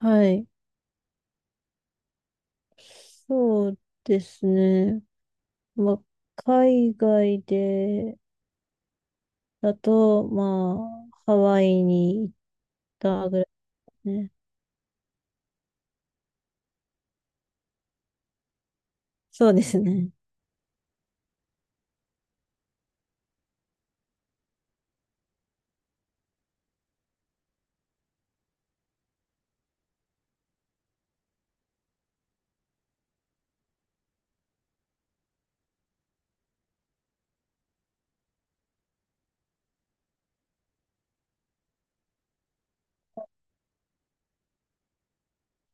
はい。そうですね。まあ、海外でだと、ハワイに行ったぐらいですね。そうですね。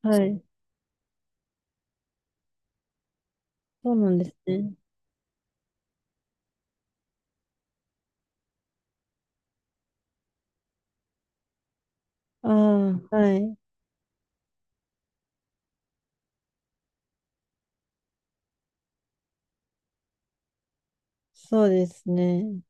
はい。そうなんですね。ああ、はい。そうですね。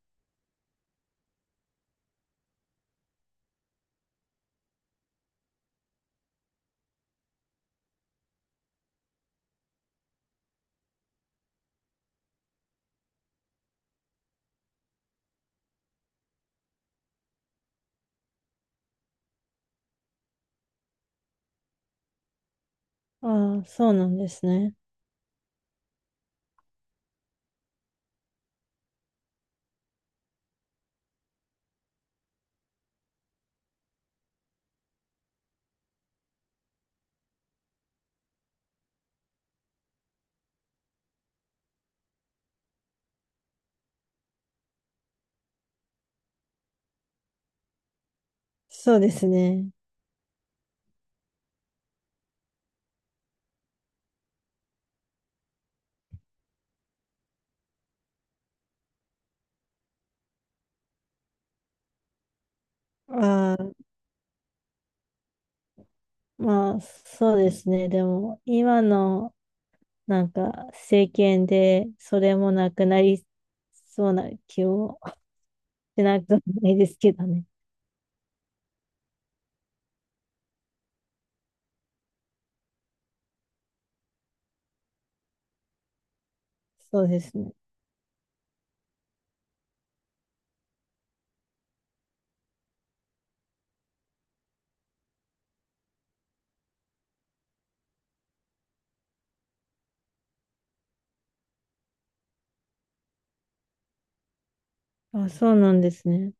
ああ、そうなんですね。そうですね。ああ、そうですね。でも、今の、政権で、それもなくなりそうな気もしなくもないですけどね。そうですね。あ、そうなんですね。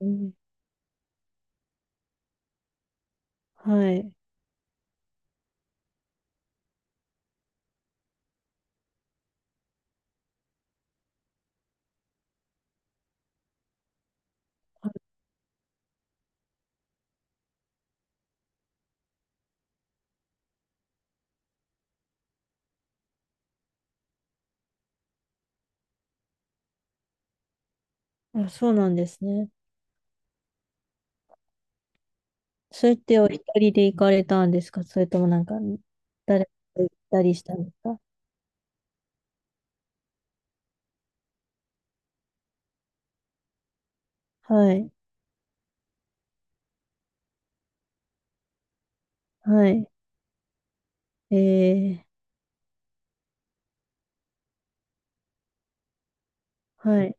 うん、はい。あ、そうなんですね。それってお一人で行かれたんですか？それともなんか、誰かと行ったりしたんですか？はい。はい。えー、はい。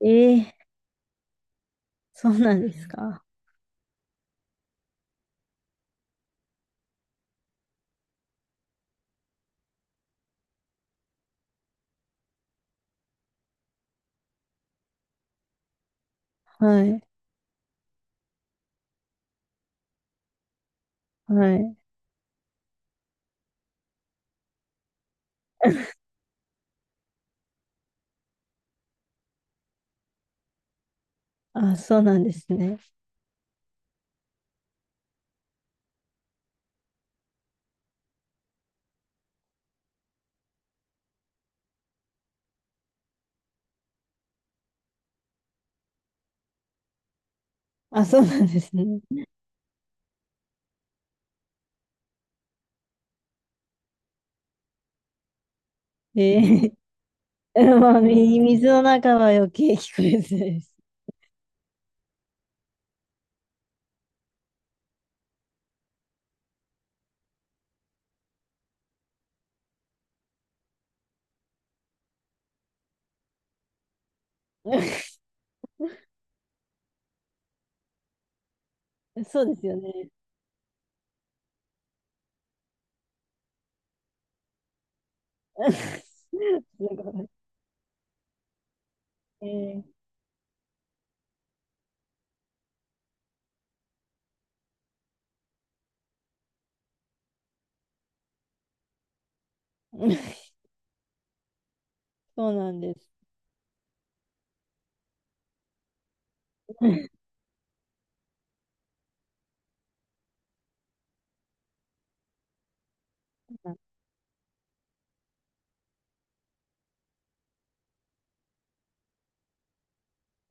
えー、そうなんですか？はい。はい。あ、そうなんですね。あ、そうなんですね。えー、まあ、水の中は余計聞こえづらいです。そうですよね。すごい。えーそうなんです。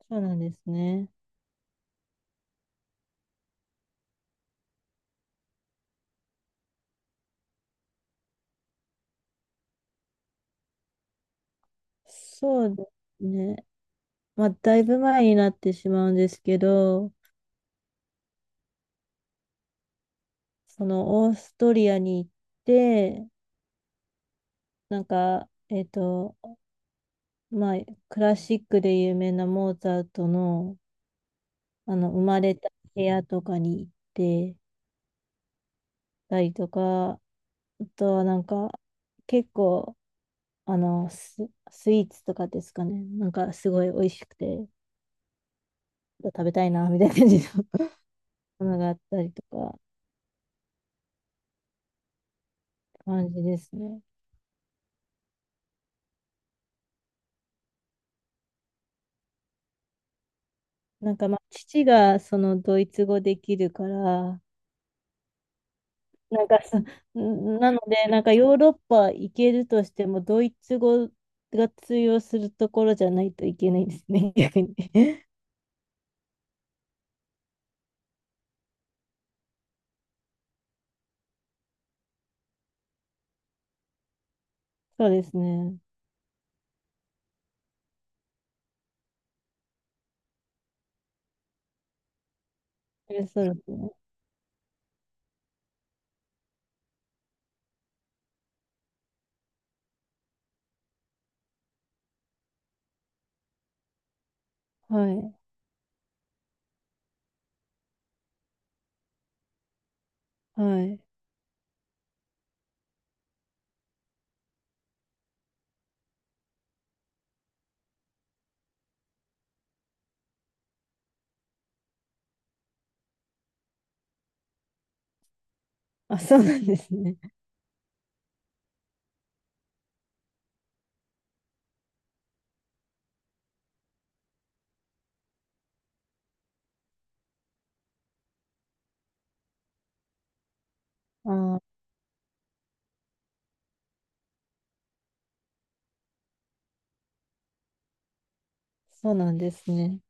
そうなん ですね。そうですね。まあ、だいぶ前になってしまうんですけど、そのオーストリアに行って、なんか、えっと、まあ、クラシックで有名なモーツァルトの、あの、生まれた部屋とかに行ってたりとか、あとはなんか、結構、あの、ス、スイーツとかですかね。なんか、すごい美味しくて、食べたいな、みたいな感じで花があったりとかって感じですね。なんかまあ父がそのドイツ語できるから、なんかそ、なのでなんかヨーロッパ行けるとしてもドイツ語が通用するところじゃないといけないですね、逆に。そうですね。えそうですね。はい。はい。あ、そうなんですね。あー、そうなんですね。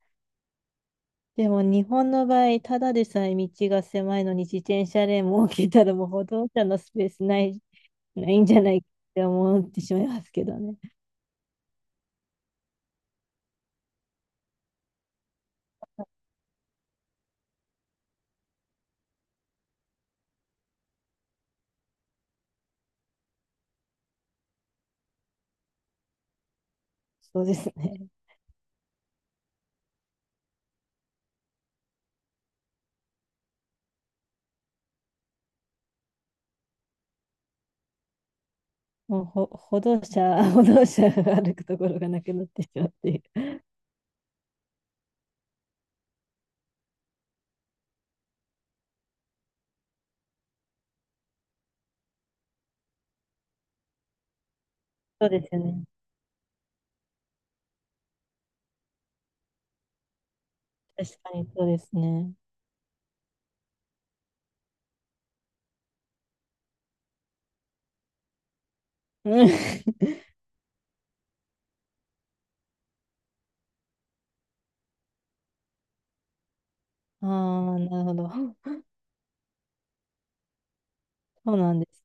でも日本の場合、ただでさえ道が狭いのに自転車レーンも設けたらもう歩道者のスペースないんじゃないって思ってしまいますけどね。そうですね。もう歩道者、歩道者が歩くところがなくなってしまっている。そうですよね。確かにそうですね。うん。ああ、なるほど。そうなんです